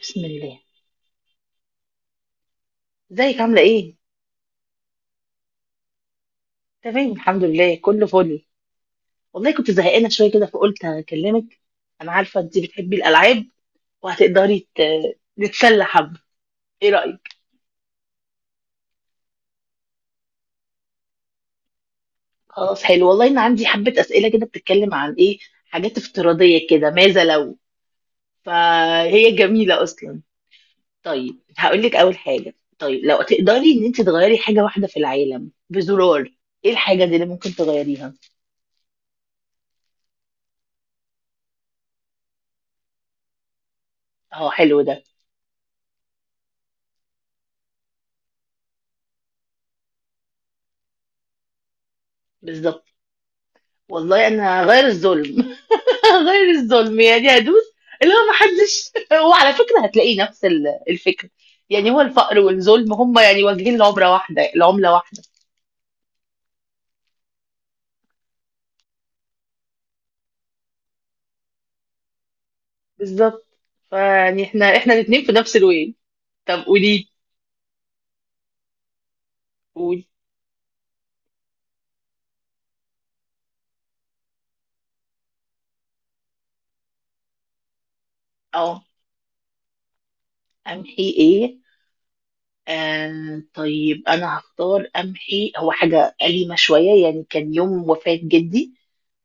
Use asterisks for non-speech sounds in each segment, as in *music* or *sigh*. بسم الله، ازيك عاملة ايه؟ تمام، الحمد لله، كله فل. والله كنت زهقانة شوية كده، فقلت هكلمك. انا عارفة انتي بتحبي الألعاب، وهتقدري نتسلى حبة. ايه رأيك؟ خلاص، حلو والله، انا عندي حبة أسئلة كده بتتكلم عن ايه، حاجات افتراضية كده، ماذا لو. فهي جميلة أصلا. طيب، هقولك أول حاجة. طيب، لو تقدري ان انتي تغيري حاجة واحدة في العالم بزرار، ايه الحاجة دي اللي ممكن تغيريها؟ اه، حلو ده. بالظبط. والله انا هغير الظلم. *laughs* غير الظلم، يعني هدوس. اللي هو ما حدش، وعلى *laughs* فكرة هتلاقي نفس الفكرة. يعني هو الفقر والظلم هم يعني واجهين، العمرة واحدة، العملة واحدة. بالظبط. فيعني احنا الاتنين في نفس الوين. طب قولي. قولي. اه، امحي ايه. طيب، انا هختار امحي هو حاجة أليمة شوية، يعني كان يوم وفاة جدي.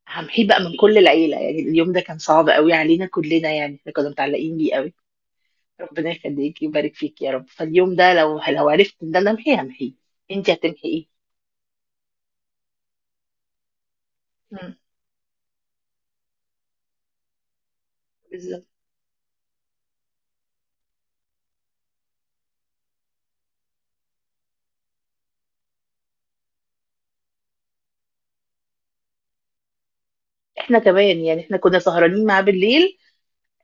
همحيه بقى من كل العيلة، يعني اليوم ده كان صعب قوي علينا كلنا، يعني احنا كنا متعلقين بيه قوي. ربنا يخليك، يبارك فيك يا رب. فاليوم ده لو عرفت ان انا امحيه همحيه. انت هتمحي ايه؟ مم. بالظبط. احنا كمان، يعني احنا كنا سهرانين معاه بالليل.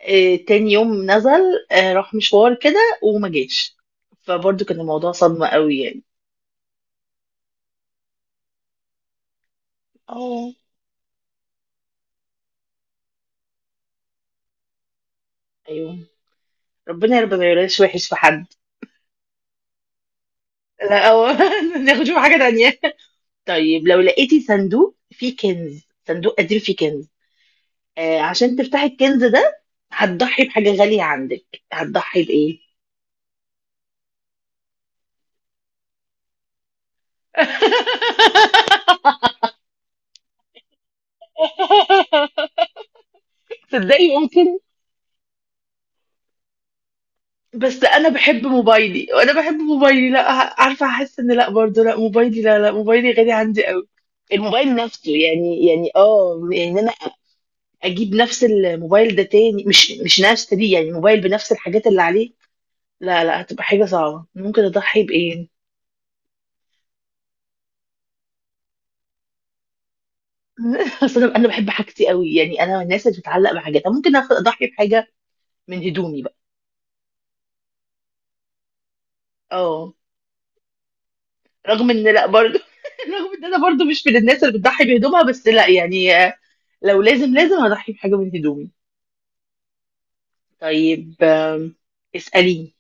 اه، تاني يوم نزل، راح مشوار كده وما جاش. فبرضه كان الموضوع صدمة قوي يعني. اه، ايوه. ربنا يا رب ما يقولش وحش في حد. لا هو *laughs* ناخد شوف حاجة تانية. طيب، لو لقيتي صندوق فيه كنز، صندوق قديم فيه كنز، اه، عشان تفتحي الكنز ده، هتضحي بحاجة غالية عندك، هتضحي بإيه؟ *laughs* تصدقي ممكن. بس انا بحب موبايلي، وانا بحب موبايلي، لا، عارفه هحس ان لا برضه، لا موبايلي، لا، لا موبايلي غالي عندي قوي. الموبايل نفسه، يعني يعني انا اجيب نفس الموبايل ده تاني، مش نفس دي، يعني موبايل بنفس الحاجات اللي عليه. لا، لا هتبقى حاجه صعبه، ممكن اضحي بايه. *laughs* اصل أنا بحب حاجتي قوي، يعني انا من الناس اللي بتتعلق بحاجاتها، ممكن اضحي بحاجه، من هدومي بقى. اه، رغم ان لا برضه. *laughs* رغم ان انا برضه مش من الناس اللي بتضحي بهدومها، بس لا يعني، لو لازم، لازم هضحي بحاجه من هدومي. طيب، اساليني.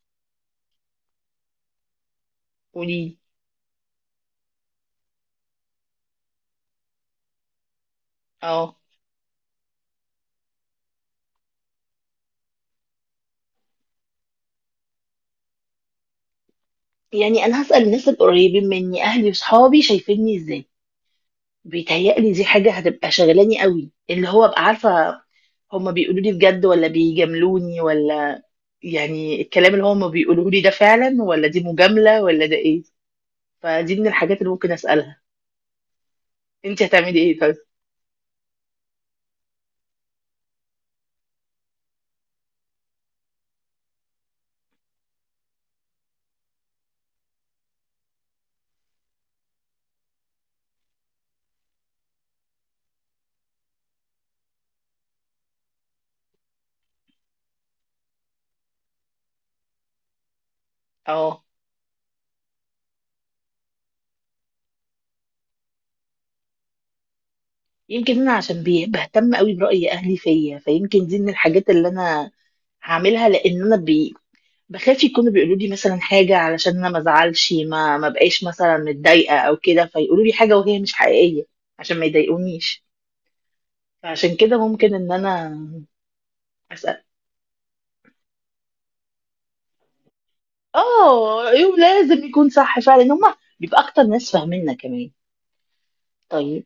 قولي. اه، يعني انا هسال الناس القريبين مني، اهلي وصحابي شايفيني ازاي. بيتهيألي دي حاجه هتبقى شغلاني قوي، اللي هو ابقى عارفه هما بيقولوا لي بجد ولا بيجاملوني ولا. يعني الكلام اللي هما بيقولوه لي ده فعلا، ولا دي مجامله، ولا ده ايه. فدي من الحاجات اللي ممكن اسالها. انت هتعملي ايه طيب؟ اه. يمكن انا عشان بهتم قوي برأي اهلي فيا، فيمكن دي من الحاجات اللي انا هعملها، لان انا بخاف يكونوا بيقولوا لي مثلا حاجة علشان انا ما ازعلش، ما بقاش مثلا متضايقة او كده، فيقولوا لي حاجة وهي مش حقيقية، عشان ما يضايقونيش. فعشان كده ممكن ان انا اسأل. اه، ايوه، لازم يكون صح فعلا، هم بيبقى اكتر ناس فاهميننا كمان. طيب،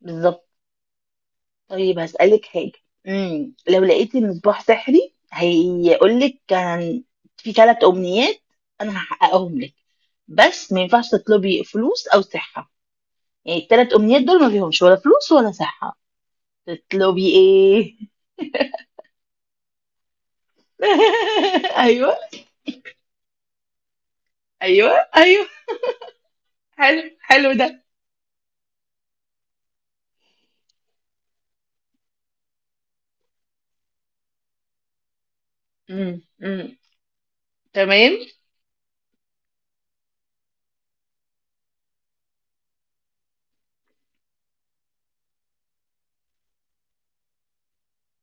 بالظبط. طيب، هسألك حاجة. لو لقيتي مصباح سحري هيقول لك كان في 3 أمنيات، أنا هحققهم لك، بس ما ينفعش تطلبي فلوس أو صحة. يعني ال3 أمنيات دول ما فيهمش ولا فلوس ولا صحة. تطلبي إيه؟ *laughs* أيوه. أيوه، أيوه. حلو، حلو ده. امم، امم. تمام.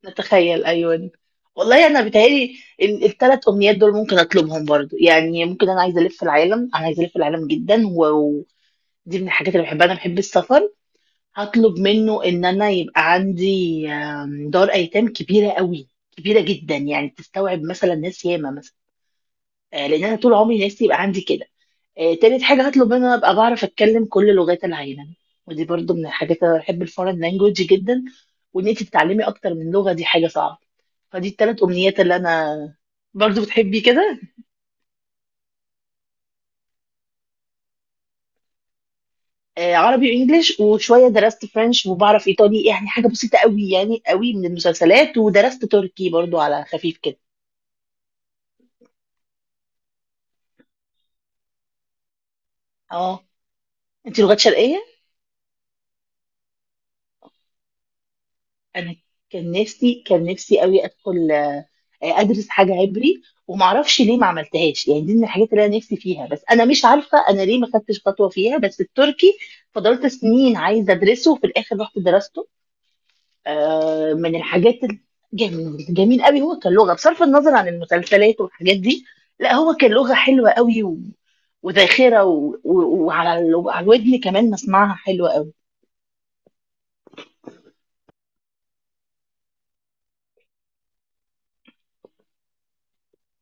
نتخيل، أيوه. والله أنا بيتهيألي ال3 أمنيات دول ممكن أطلبهم برضو، يعني ممكن، أنا عايزة ألف العالم، أنا عايزة ألف العالم جدا، و... دي من الحاجات اللي باحبها، أنا باحب السفر، هاطلب منه إن أنا يبقى عندي دار أيتام كبيرة أوي، كبيرة جدًا، يعني تستوعب مثلًا ناس ياما مثلًا، لإن أنا طول عمري نفسي يبقى عندي كده. تالت حاجة هاطلب منه إن أنا أبقى باعرف أتكلم كل لغات العالم، ودي برضه من الحاجات، أنا باحب الforeign language جدًا، وإن أنتِ تتعلمي أكتر من لغة دي حاجة صعبة، فدي ال3 أمنيات اللي أنا. برضه بتحبي كده؟ آه، عربي وانجليش وشويه درست فرنش وبعرف ايطالي، يعني حاجه بسيطه قوي، يعني قوي من المسلسلات، ودرست تركي برضو على خفيف كده. اه، انت لغات شرقيه. انا كان نفسي، كان نفسي قوي ادخل، ادرس حاجه عبري، ومعرفش ليه ما عملتهاش، يعني دي من الحاجات اللي انا نفسي فيها، بس انا مش عارفه انا ليه ما خدتش خطوه فيها. بس التركي فضلت سنين عايزه ادرسه، وفي الاخر رحت درسته. من الحاجات الجميل، جميل قوي، هو كان لغه بصرف النظر عن المسلسلات والحاجات دي. لا هو كان لغه حلوه قوي، و... وذاخره، وعلى الودن كمان مسمعها حلوه قوي.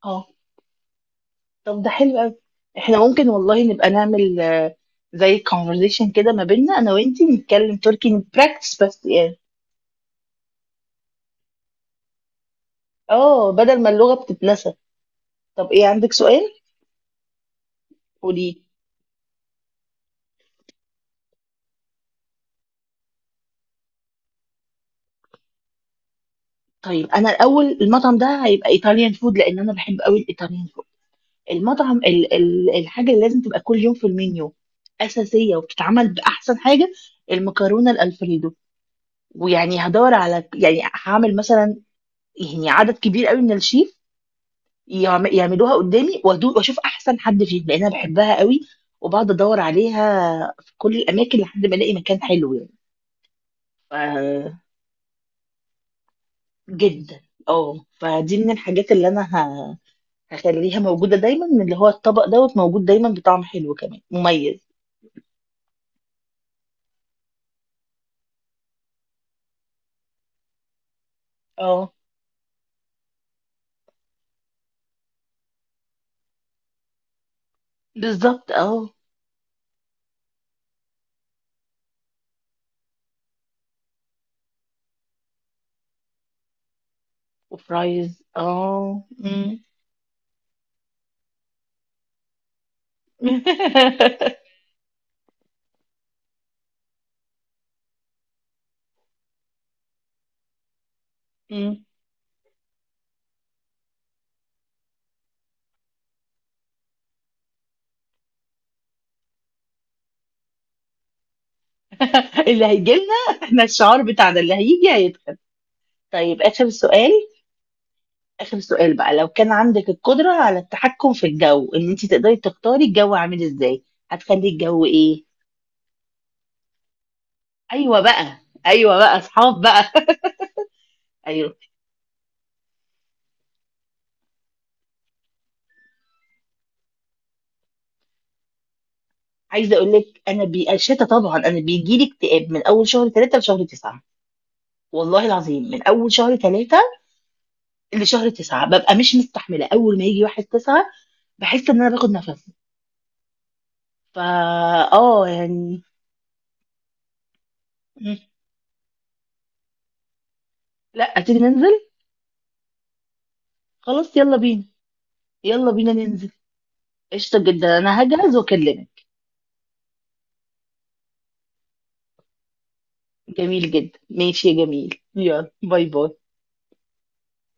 اه، طب ده حلو قوي. احنا ممكن والله نبقى نعمل زي كونفرزيشن كده ما بيننا انا وانتي، نتكلم تركي، نبراكتس بس يعني. اه، بدل ما اللغه بتتنسى. طب ايه، عندك سؤال؟ قولي. طيب، انا الاول المطعم ده هيبقى ايطاليان فود، لان انا بحب قوي الايطاليان. المطعم ال ال الحاجة اللي لازم تبقى كل يوم في المنيو، أساسية وبتتعمل بأحسن حاجة، المكرونة الألفريدو. ويعني هدور على، يعني هعمل مثلا، يعني عدد كبير قوي من الشيف يعملوها قدامي وأدوق واشوف احسن حد فيهم، لان انا بحبها قوي، وبقعد ادور عليها في كل الاماكن لحد ما الاقي مكان حلو يعني. ف- جدا. اه، فدي من الحاجات اللي انا هخليها موجوده دايما، من اللي هو الطبق دوت موجود دايما بطعم حلو كمان مميز. اه، بالضبط، وفرايز، إمم. *laughs* اللي هييجي لنا إحنا الشعار بتاعنا، اللي هييجي هيكسب. طيب، آخر سؤال. آخر سؤال بقى، لو كان عندِك القدرة على التحكم في الجو، إن أنتِ تقدري تختاري الجو عامل إزاي، هتخلّي الجو إيه؟ أيوه بقى. أيوه بقى، أصحاب بقى. *laughs* أيوه. عايزة أقول لِك أنا الشتا طبعًا، أنا بييجي لي اكتئاب من أول شهر 3 لشهر 9، والله العظيم، من أول شهر 3 لشهر 9 ببقى مش مستحملة. أول ما يجي واحد تسعة بحس إن أنا باخد نفسي. فا اه يعني. مم. لا، تيجي ننزل؟ خلاص، يلا بينا. يلا بينا ننزل. قشطة جدا، أنا هجهز وأكلمك. جميل جدا، ماشي يا جميل، يلا باي باي.